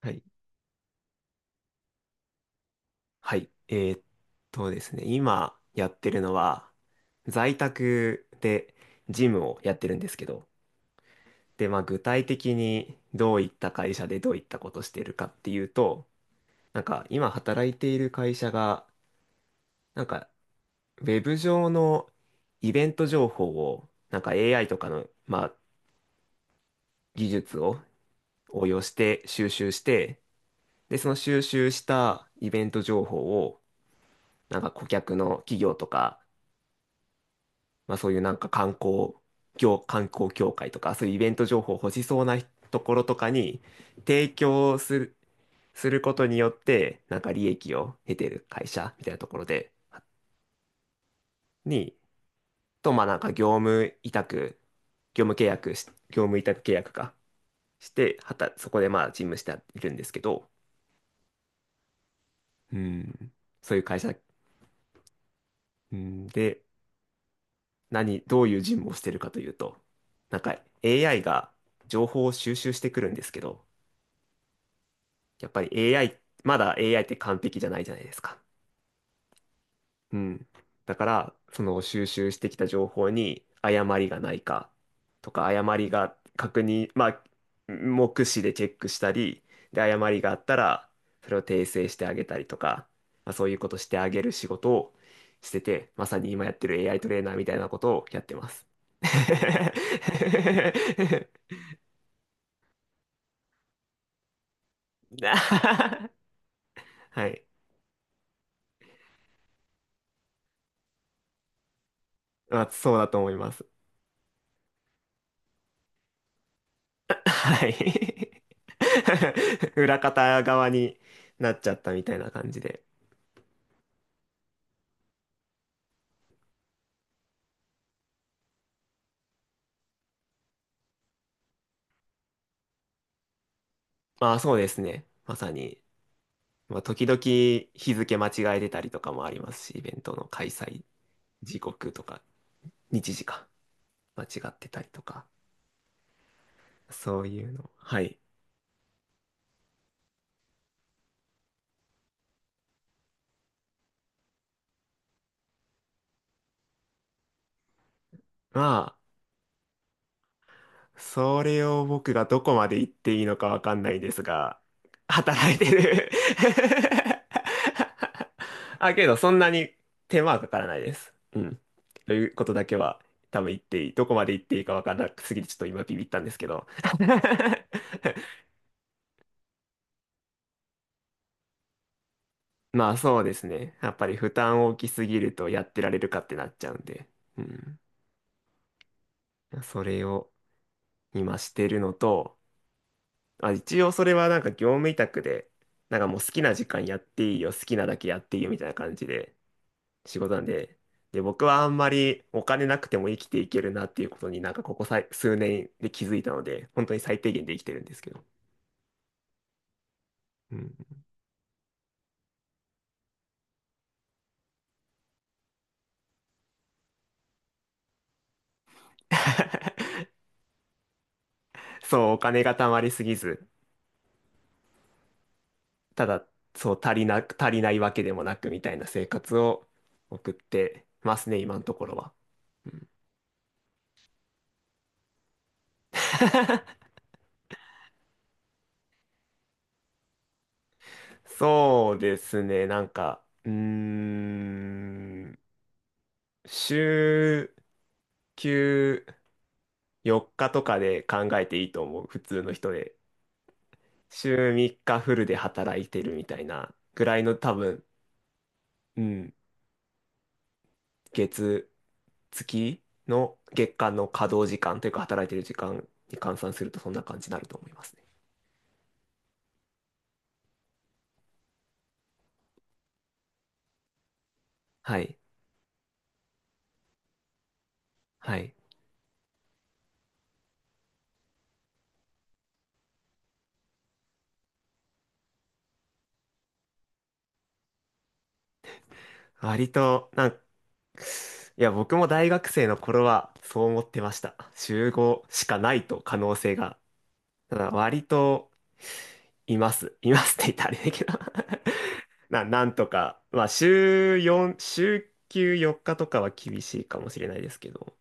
はい。はい。ですね、今やってるのは、在宅でジムをやってるんですけど、で、まあ具体的にどういった会社でどういったことしてるかっていうと、なんか今働いている会社が、なんかウェブ上のイベント情報を、なんか AI とかの、まあ技術を応用して収集して、で、その収集したイベント情報を、なんか顧客の企業とか、まあ、そういうなんか観光業、観光協会とか、そういうイベント情報を欲しそうなところとかに提供する、することによって、なんか利益を得てる会社みたいなところで、に、と、まあなんか業務委託、業務契約し、業務委託契約かして、はた、そこでまあ事務しているんですけど、うん、そういう会社、うん、で、何、どういう事務をしてるかというと、なんか AI が情報を収集してくるんですけど、やっぱり AI、まだ AI って完璧じゃないじゃないですか。うん。だから、その収集してきた情報に誤りがないかとか、誤りが確認、まあ、目視でチェックしたり、で、誤りがあったら、それを訂正してあげたりとか、まあ、そういうことしてあげる仕事をしてて、まさに今やってる AI トレーナーみたいなことをやってます。はい。まあ、そうだと思います。はい。裏方側になっちゃったみたいな感じで。まあそうですね。まさに。まあ時々日付間違えてたりとかもありますし、イベントの開催時刻とか、日時か間違ってたりとか、そういうの。はい。まあそれを僕がどこまで言っていいのかわかんないですが、働いてる あ、けどそんなに手間はかからないです。うん。ということだけは多分言っていい。どこまで言っていいかわからなくすぎてちょっと今ビビったんですけど。まあそうですね。やっぱり負担大きすぎるとやってられるかってなっちゃうんで。うん。それを今してるのと、あ、一応それはなんか業務委託で、なんかもう好きな時間やっていいよ、好きなだけやっていいよみたいな感じで仕事なんで、で、僕はあんまりお金なくても生きていけるなっていうことになんかここさい数年で気づいたので、本当に最低限で生きてるんですけど。うん。 そう、お金が貯まりすぎず、ただ、そう、足りなく、足りないわけでもなくみたいな生活を送ってますね、今のところは。うん。 そうですね、なんか、うーん。週休4日とかで考えていいと思う、普通の人で。週3日フルで働いてるみたいなぐらいの多分、うん、月、月の月間の稼働時間というか働いてる時間に換算するとそんな感じになると思いますね。はい。はい。割と、なんか、いや、僕も大学生の頃はそう思ってました。週5しかないと可能性が。ただ割といます。いますって言ったらあれだけど。 なんとか、まあ、週4、週休4日とかは厳しいかもしれないですけど、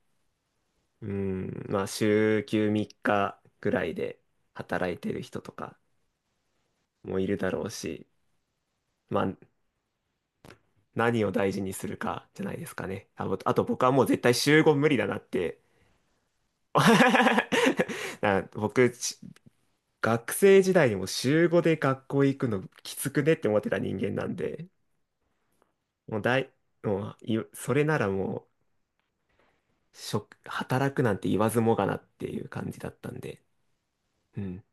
うん、まあ、週休3日ぐらいで働いてる人とかもいるだろうし、まあ、何を大事にするかじゃないですかね。あ、ぼあと僕はもう絶対週5無理だなって。僕、学生時代にも週5で学校行くのきつくねって思ってた人間なんで、もう大、もうい、それならもう、働くなんて言わずもがなっていう感じだったんで、うん。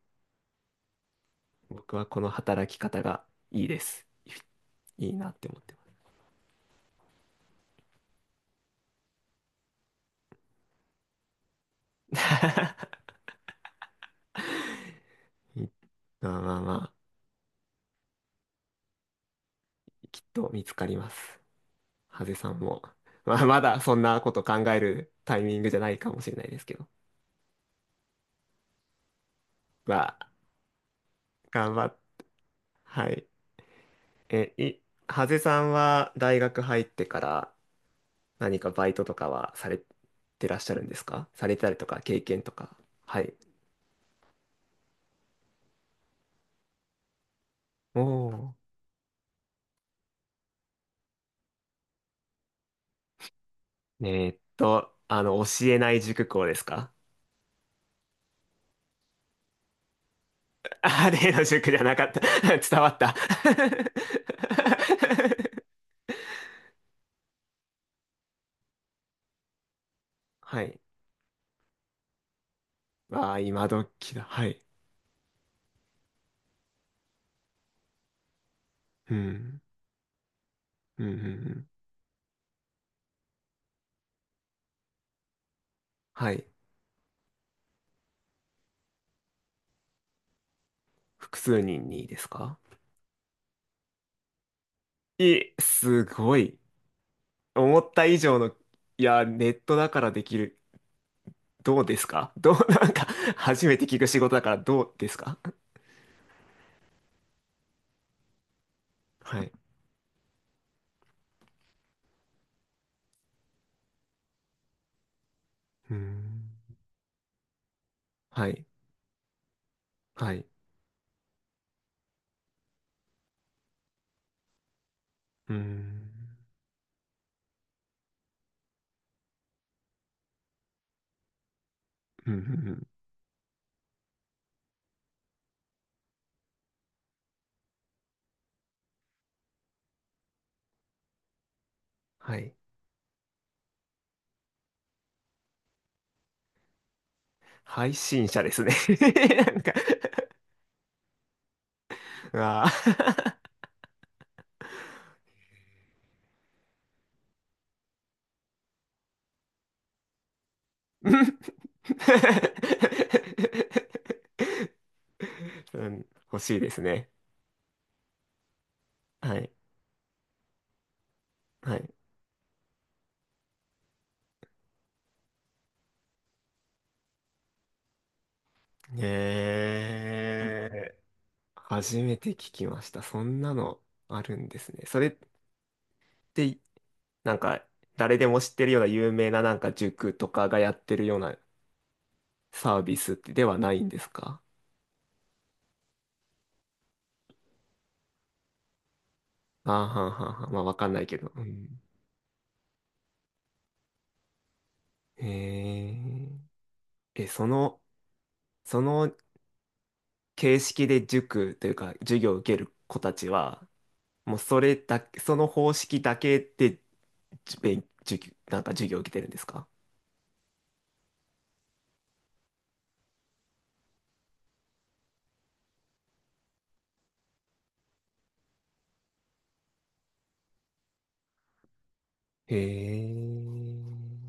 僕はこの働き方がいいです。いいなって思ってます。いまあまあまあ、きっと見つかります。ハゼさんも。まあまだそんなこと考えるタイミングじゃないかもしれないですけど。まあ、頑張っ、はい。え、い、ハゼさんは大学入ってから何かバイトとかはされてらっしゃるんですか、されたりとか、経験とか。はい。おー。教えない塾講ですか？あ、例の塾じゃなかった。伝わった。はい。わあ、今時だ。はい。うん。うん、うん、うん。はい。複数人にですか？すごい。思った以上の、いや、ネットだからできる。どうですか？どう、なんか、初めて聞く仕事だからどうですか？はい。うーん。はい。はい。うーん。うんうんうん。はい。配信者ですね。なんか、うわあ。うん。 うん。欲しいですね。はい。はい。ええ、初めて聞きました。そんなのあるんですね。それって、なんか、誰でも知ってるような有名ななんか塾とかがやってるようなサービスではないんですか？ああ、はんはんはん。まあ、わかんないけど。うん。へえ。え、その、その形式で塾というか、授業を受ける子たちは、もうそれだけ、その方式だけで、授業、なんか授業を受けてるんですか？へえ。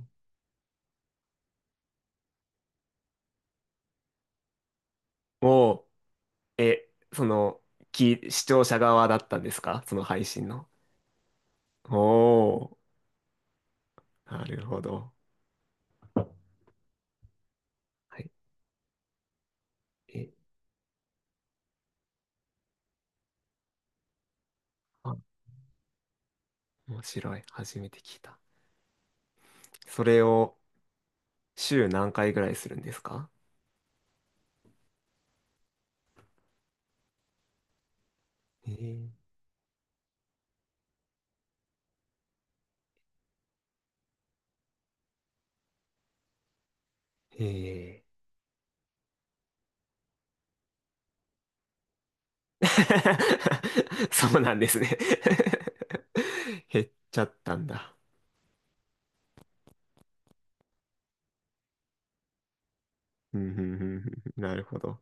おう、え、その、視聴者側だったんですか、その配信の。おー、なるほど。はい。え、あ、面白い。初めて聞いた。それを週何回ぐらいするんですか？えー、えー。 そうなんですね。 減っちゃったんだ。うんうんうん。うん、なるほど。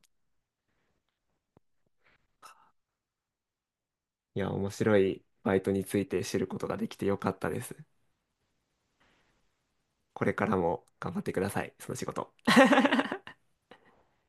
いや、面白いバイトについて知ることができてよかったです。これからも頑張ってください、その仕事。